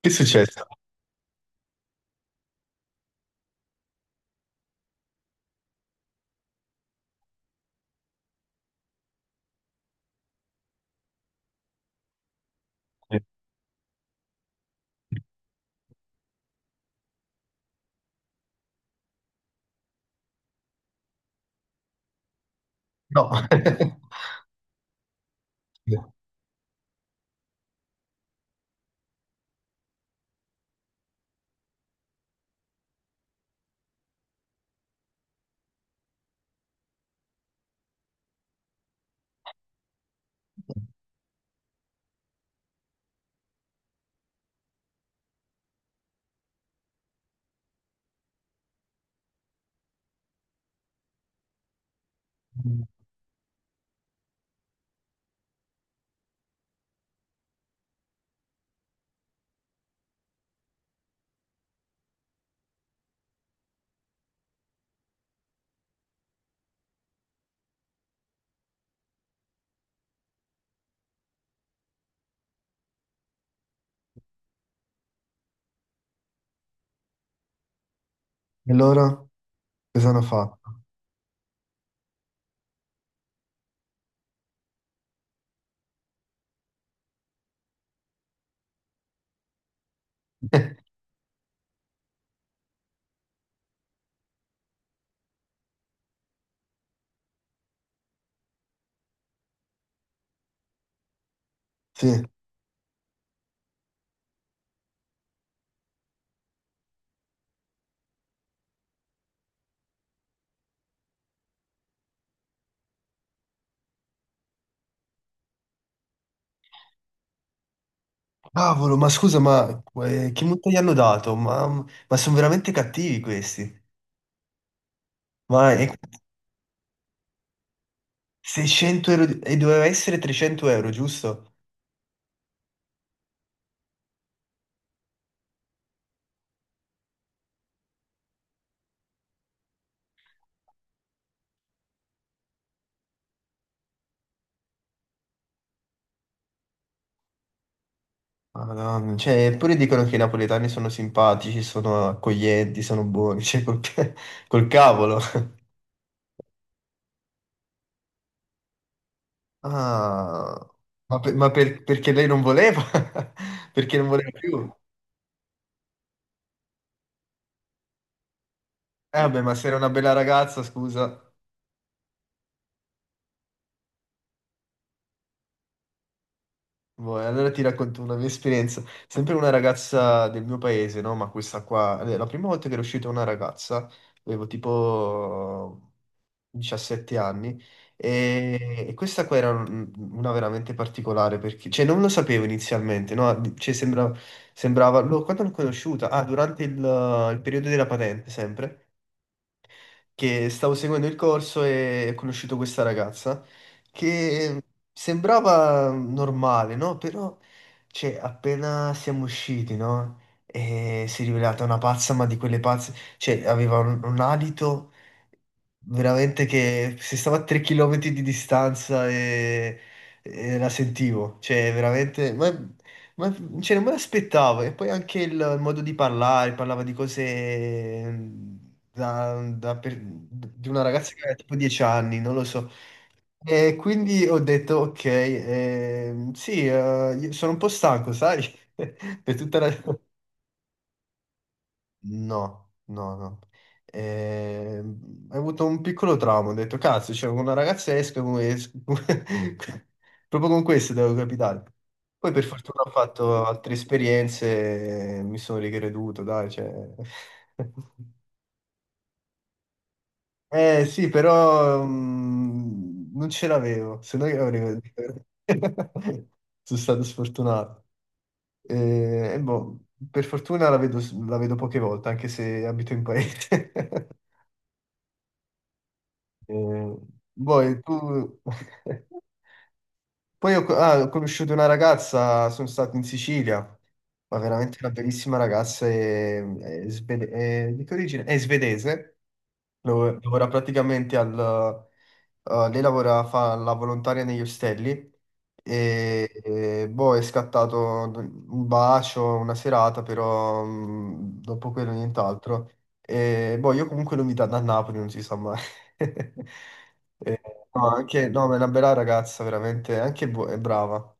Che è successo? No. E loro cosa hanno fatto? Sì. Cavolo, ma scusa, ma che multa gli hanno dato? Ma sono veramente cattivi questi. Ma è 600 euro di- e doveva essere 300 euro, giusto? Madonna, cioè, eppure dicono che i napoletani sono simpatici, sono accoglienti, sono buoni, cioè, col, ca- col cavolo. Ah, ma per- perché lei non voleva? Perché non voleva più? Vabbè, ma se era una bella ragazza, scusa. Boh, e allora ti racconto una mia esperienza, sempre una ragazza del mio paese, no? Ma questa qua, la prima volta che ero uscito con una ragazza, avevo tipo 17 anni, e questa qua era un- una veramente particolare, perché, cioè non lo sapevo inizialmente, no? Cioè sembra- sembrava, lo- quando l'ho conosciuta? Ah, durante il periodo della patente, sempre che stavo seguendo il corso e ho conosciuto questa ragazza che sembrava normale, no? Però, cioè, appena siamo usciti, no? E si è rivelata una pazza, ma di quelle pazze, cioè, aveva un alito veramente che se stava a 3 km di distanza e la sentivo, cioè, veramente, ma cioè, non me l'aspettavo. E poi anche il modo di parlare, parlava di cose da, da per- di una ragazza che aveva tipo 10 anni, non lo so. E quindi ho detto, ok, sì, io sono un po' stanco, sai? Per tutta la... No, no, no. Ho avuto un piccolo trauma, ho detto, cazzo, c'è una ragazza esca come... es- Proprio con questo devo capitare. Poi per fortuna ho fatto altre esperienze, e mi sono ricreduto, dai, cioè... Eh sì, però mm, non ce l'avevo, se no io avrei... Sono stato sfortunato. E boh, per fortuna la vedo poche volte, anche se abito in paese. Eh, poi tu... Poi ho, ah, ho conosciuto una ragazza, sono stato in Sicilia, ma veramente una bellissima ragazza, è svede- è- di che origine? È svedese. Lav- Lavora praticamente al... lei lavora, fa la volontaria negli ostelli e, boh, è scattato un bacio, una serata, però mm, dopo quello nient'altro. E boh, io comunque l'ho invitata a Napoli, non si sa mai. E, no, anche, no, ma è una bella ragazza, veramente, anche bu- è brava.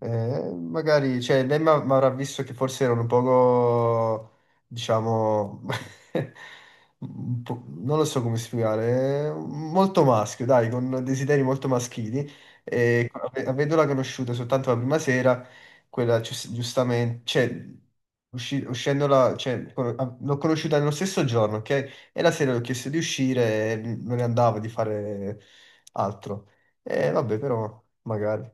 Magari, cioè, lei mi avrà visto che forse erano un poco, diciamo, un po'- non lo so come spiegare, molto maschio, dai, con desideri molto maschili. E ave- avendola conosciuta soltanto la prima sera, quella gius- giustamente, cioè, usci- uscendola, cioè, con- a- l'ho conosciuta nello stesso giorno, ok? E la sera le ho chiesto di uscire e non ne andava di fare altro. E vabbè, però, magari.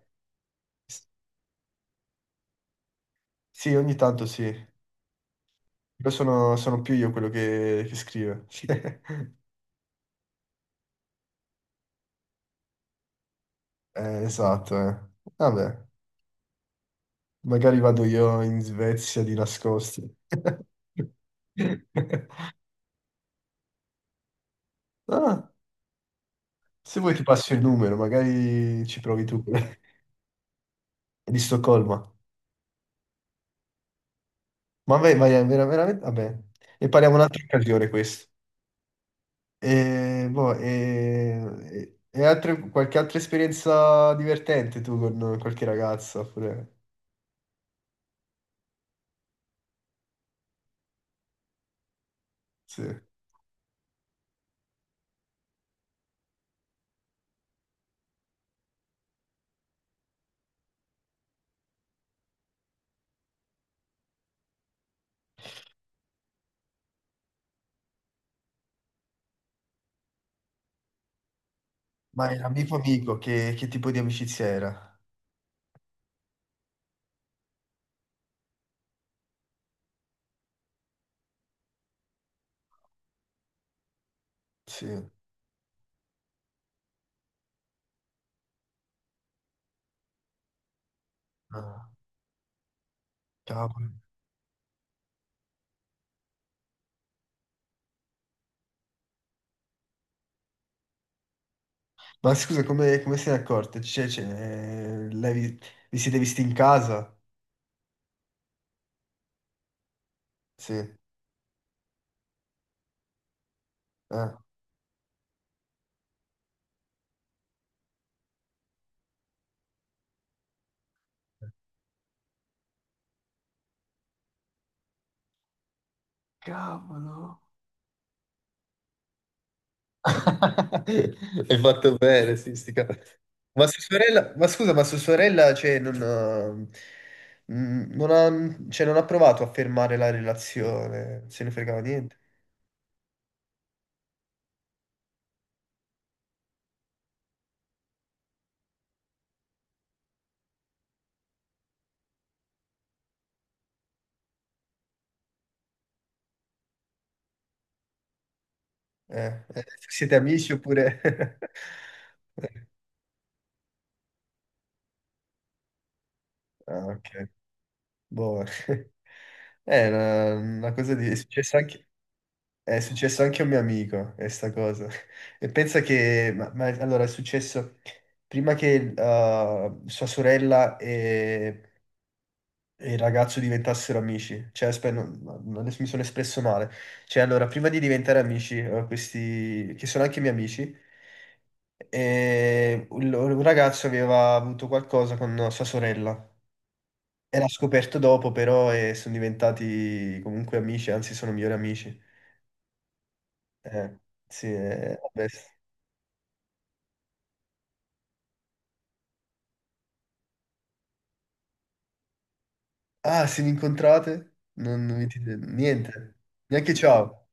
Sì, ogni tanto sì. Però sono, sono più io quello che scrive. Esatto, eh. Vabbè, magari vado io in Svezia di nascosto. Ah, se vuoi ti passo il numero, magari ci provi tu. È di Stoccolma. Ma vai, vai, è vera- veramente... Vabbè, ne parliamo un'altra occasione questo. E, boh, e altre- qualche altra esperienza divertente tu con qualche ragazza? Oppure... Sì. Ma era amico amico, che tipo di amicizia era? Sì. Ah, cavolo. Ma scusa, come, come se ne è accorta? Cioè, cioè, lei vi, vi siete visti in casa? Sì. Cavolo. Hai fatto bene, sì, sti cavoli. Ma sua sorella, ma scusa, ma sua sorella, cioè, non ha, mm, non ha- cioè, non ha provato a fermare la relazione, se ne fregava niente. Siete amici oppure... Ah, ok. Boh, è una cosa di... è successo anche a un mio amico, questa cosa. E pensa che... ma- allora, è successo prima che sua sorella e il ragazzo diventassero amici. Cioè, aspetta, non- non- adesso mi sono espresso male. Cioè, allora, prima di diventare amici, questi... che sono anche miei amici, un ragazzo aveva avuto qualcosa con sua sorella. Era scoperto dopo, però, e sono diventati comunque amici, anzi sono migliori amici. Eh, sì, vabbè. Ah, se vi incontrate? Non, non vi dite niente, neanche ciao.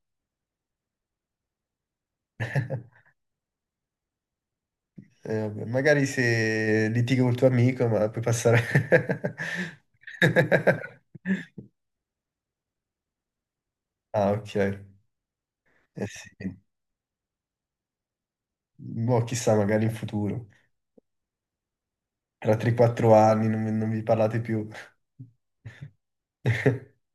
Vabbè, magari se litighi col tuo amico, ma puoi passare. Ah, ok. Eh sì. Boh, chissà, magari in futuro. Tra 3-4 anni non, non vi parlate più.